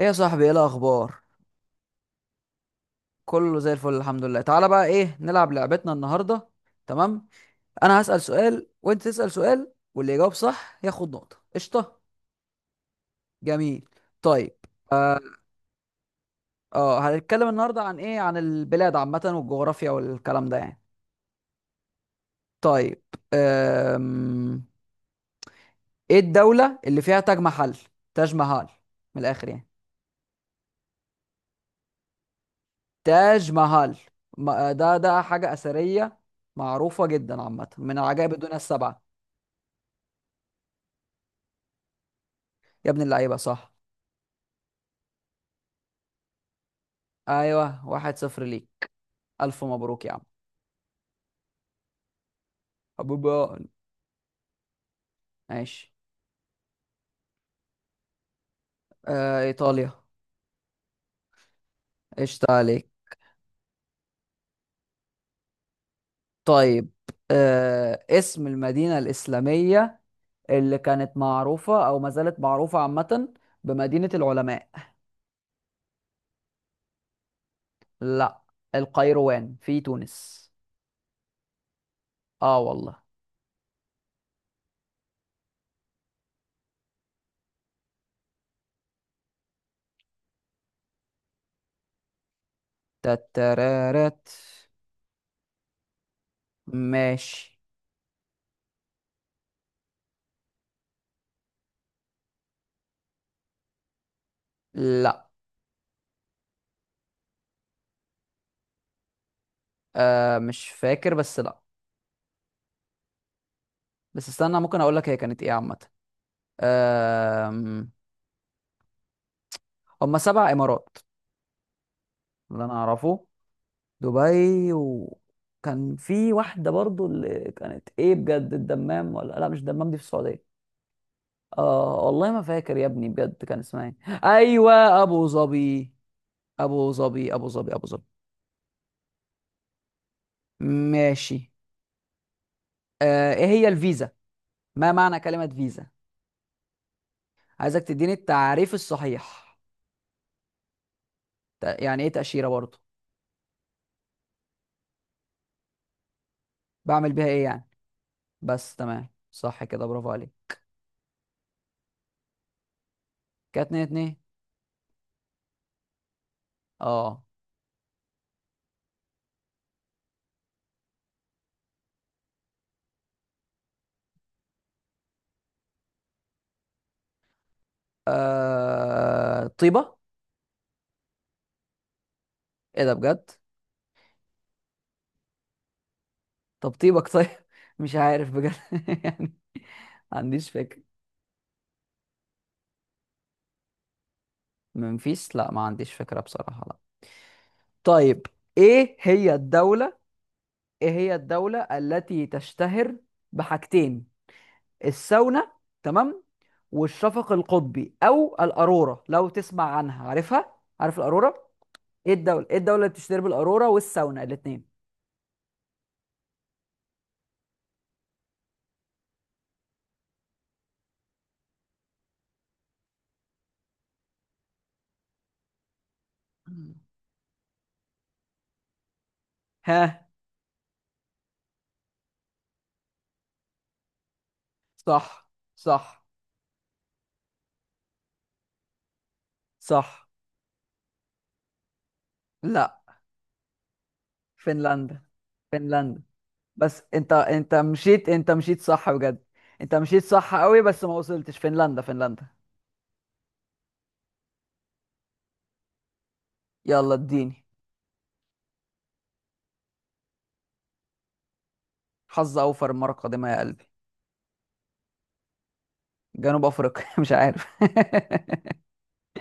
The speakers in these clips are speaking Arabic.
ايه يا صاحبي، ايه الاخبار؟ كله زي الفل الحمد لله تعالى. بقى ايه نلعب لعبتنا النهارده؟ تمام. انا هسأل سؤال وانت تسأل سؤال واللي يجاوب صح ياخد نقطة. قشطة. جميل. طيب. اه. هنتكلم النهارده عن ايه؟ عن البلاد عامة والجغرافيا والكلام ده يعني. طيب. أم... ايه الدولة اللي فيها تاج محل؟ تاج محل. من الاخر يعني. تاج محل. ده حاجة أثرية معروفة جدا عامة، من عجائب الدنيا السبعة. يا ابن اللعيبة صح. ايوه، 1-0 ليك. الف مبروك يا عم. حبيبي. ماشي. آه ايطاليا. قشطة عليك. طيب. آه اسم المدينة الإسلامية اللي كانت معروفة او ما زالت معروفة عامة بمدينة العلماء. لا، القيروان في تونس. اه والله. تترارت. ماشي. لا. آه مش فاكر بس لا. بس استنى ممكن اقول لك هي كانت ايه عامة. آه، هم 7 امارات اللي انا اعرفه. دبي، وكان في واحدة برضو اللي كانت ايه بجد، الدمام؟ ولا لا، مش الدمام، دي في السعودية. اه والله ما فاكر يا ابني بجد كان اسمها ايه. ايوه ابو ظبي. ابو ظبي، ابو ظبي، ابو ظبي. ماشي. آه ايه هي الفيزا؟ ما معنى كلمة فيزا؟ عايزك تديني التعريف الصحيح. يعني ايه تأشيرة برضو؟ بعمل بيها ايه يعني؟ بس تمام. صح كده، برافو عليك. كانت 2-2. اه. آه، طيبة. ايه ده بجد؟ طب طيبك طيب. مش عارف بجد. يعني. ما عنديش فكرة. منفيس؟ لا ما عنديش فكرة بصراحة، لا. طيب. ايه هي الدولة ايه هي الدولة التي تشتهر بحاجتين؟ الساونا، تمام، والشفق القطبي او الأرورا. لو تسمع عنها، عارفها؟ عارف الأرورا؟ ايه الدولة اللي بتشتهر بالأرورا والساونا الاتنين؟ مم. ها. صح، صح، صح. لا. فنلندا، فنلندا. بس انت، انت مشيت، انت مشيت صح بجد. انت مشيت صح قوي بس ما وصلتش. فنلندا، فنلندا. يلا اديني. حظ اوفر المره القادمه يا قلبي. جنوب افريقيا. مش عارف.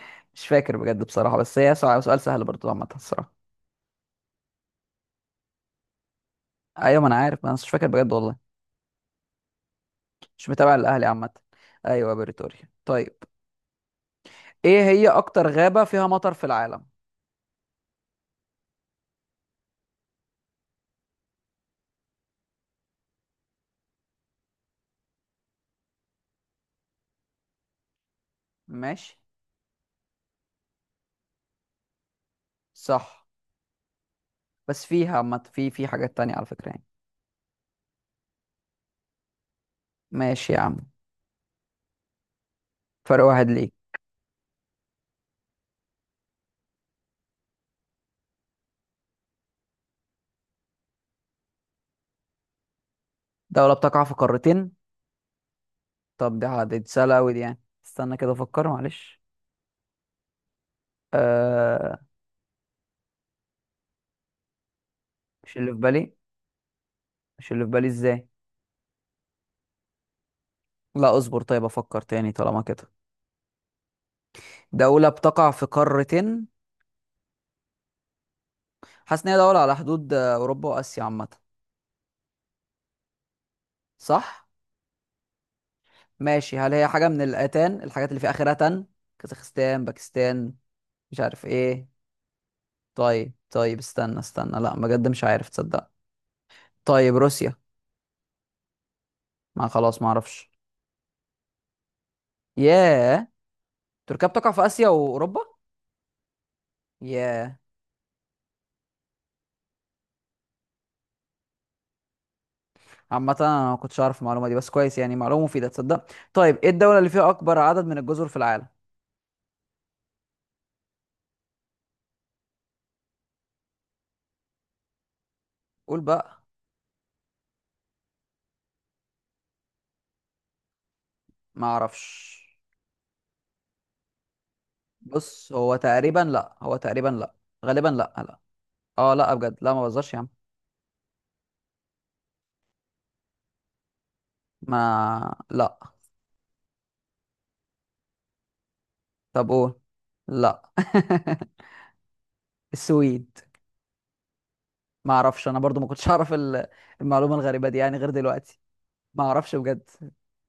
مش فاكر بجد بصراحه، بس هي سؤال سهل برضو عامه الصراحه. ايوه ما انا عارف، ما انا مش فاكر بجد والله. مش متابع الاهلي عامه. ايوه بريتوريا. طيب، ايه هي اكتر غابه فيها مطر في العالم؟ ماشي. صح. بس فيها عامه، في، في حاجات تانية على فكره يعني. ماشي يا عم. فرق واحد ليك. دولة بتقع في قارتين. طب دي دي سهلة أوي دي يعني. استنى كده أفكر معلش. آه. مش اللي في بالي. مش اللي في بالي إزاي؟ لا اصبر طيب، أفكر تاني طالما كده. دولة بتقع في قارتين. حاسس إن هي دولة على حدود أوروبا وآسيا عامة. صح؟ ماشي. هل هي حاجة من الآتان، الحاجات اللي في آخرها تن؟ كازاخستان، باكستان، مش عارف إيه. طيب طيب استنى استنى، لا بجد مش عارف تصدق. طيب روسيا. ما خلاص ما أعرفش. ياه. تركيا بتقع في آسيا وأوروبا؟ ياه. عامة انا ما كنتش اعرف المعلومة دي، بس كويس يعني معلومة مفيدة تصدق. طيب، ايه الدولة اللي فيها اكبر عدد من الجزر في العالم؟ قول بقى. ما اعرفش. بص هو تقريبا لا، هو تقريبا لا. غالبا لا، لا. اه لا بجد لا، ما بهزرش يا عم. ما لا. طب قول. لا. السويد. ما اعرفش انا برضو، ما كنتش اعرف المعلومة الغريبة دي يعني غير دلوقتي. ما اعرفش بجد.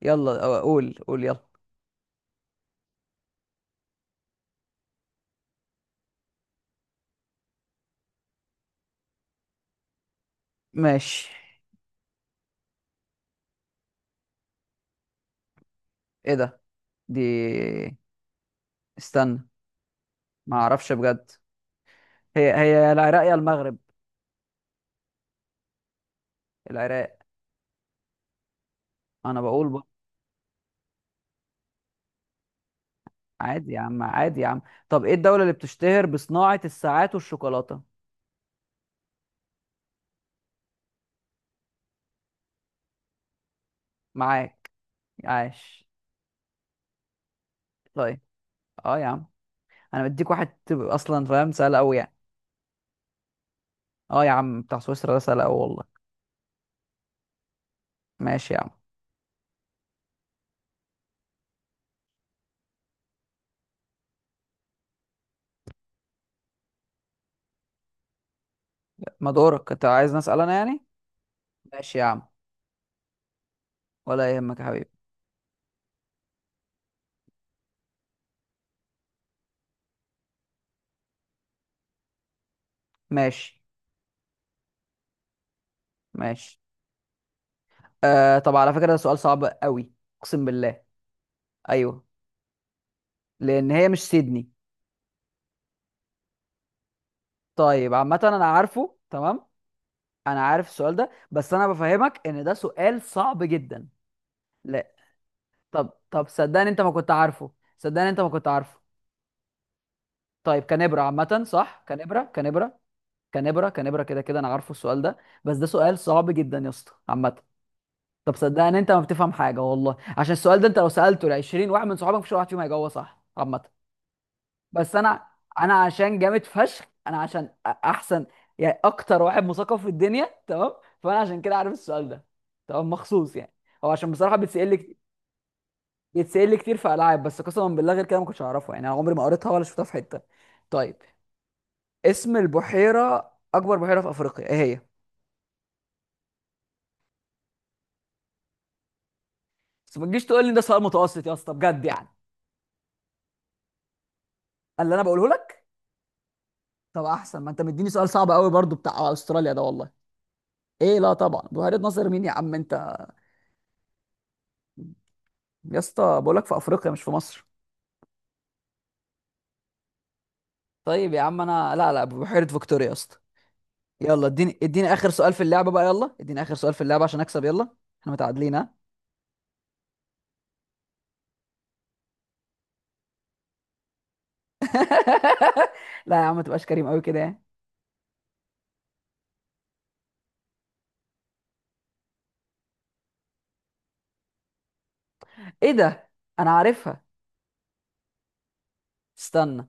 يلا قول، قول يلا. ماشي. ايه ده؟ دي، استنى. ما اعرفش بجد. هي هي العراق يا المغرب. العراق. انا بقول بقى. عادي يا عم، عادي يا عم. طب ايه الدولة اللي بتشتهر بصناعة الساعات والشوكولاتة؟ معاك. عاش. طيب. اه يا عم، انا بديك واحد تبقى اصلا فاهم، سهل قوي يعني. اه يا عم بتاع سويسرا ده سهل قوي والله. ماشي يا عم. ما دورك انت، عايز نسأل انا يعني؟ ماشي يا عم ولا يهمك يا حبيبي. ماشي ماشي. آه. طب على فكرة ده سؤال صعب قوي، اقسم بالله. ايوه. لان هي مش سيدني. طيب عامة انا عارفه تمام، انا عارف السؤال ده، بس انا بفهمك ان ده سؤال صعب جدا. لا. طب طب صدقني انت ما كنت عارفه. صدقني انت ما كنت عارفه. طيب كنبرة عامة، صح. كنبرة كده كده انا عارفه السؤال ده بس ده سؤال صعب جدا يا اسطى عامة. طب صدقني انت ما بتفهم حاجة والله، عشان السؤال ده انت لو سألته ل 20 واحد من صحابك مفيش ولا واحد فيهم هيجاوبه صح عامة. بس انا، انا عشان جامد فشخ، انا عشان احسن يعني اكتر واحد مثقف في الدنيا، تمام. فانا عشان كده عارف السؤال ده، تمام، مخصوص يعني. هو عشان بصراحه بيتسال لي بيتسال لي كتير في العاب، بس قسما بالله غير كده ما كنتش اعرفه يعني، انا عمري ما قريتها ولا شفتها في حته. طيب، اسم البحيره، اكبر بحيره في افريقيا، ايه هي؟ بس ما تجيش تقول لي ده سؤال متوسط يا اسطى بجد يعني. اللي انا بقوله لك. طب احسن، ما انت مديني سؤال صعب قوي برضو بتاع استراليا ده والله. ايه؟ لا طبعا بحيره ناصر مين يا عم انت! يا اسطى بقول لك في افريقيا مش في مصر. طيب يا عم. انا لا لا، بحيرة فيكتوريا يا اسطى. يلا اديني، اديني اخر سؤال في اللعبة بقى. يلا اديني اخر سؤال في اللعبة عشان اكسب يلا. احنا متعادلين ها. لا يا عم ما تبقاش كريم قوي كده يعني. ايه ده؟ انا عارفها، استنى.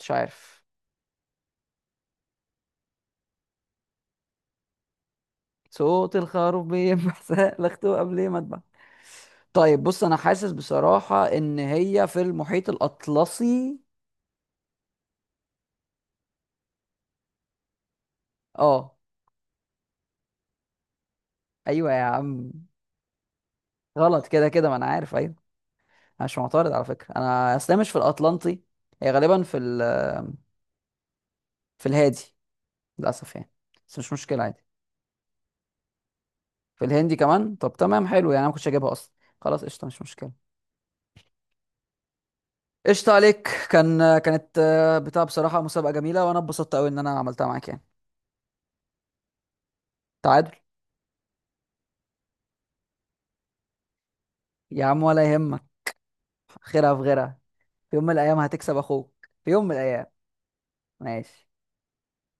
مش عارف. صوت الخروف بينبح سلخته قبل ما اذبح. طيب بص انا حاسس بصراحة ان هي في المحيط الاطلسي. اه. ايوه يا عم. غلط، كده كده ما انا عارف ايوه. أنا مش معترض على فكرة، انا اصلا مش في الاطلنطي، هي غالبا في ال، في الهادي، للاسف يعني. بس مش مشكله عادي. في الهندي كمان؟ طب تمام حلو، يعني انا ما كنتش هجيبها اصلا. خلاص قشطه مش مشكله. قشطه عليك، كان، كانت بتاع بصراحه مسابقه جميله، وانا اتبسطت قوي ان انا عملتها معاك يعني. تعادل. يا عم ولا يهمك، خيرها في غيرها. في يوم من الايام هتكسب اخوك، في يوم من الايام. ماشي.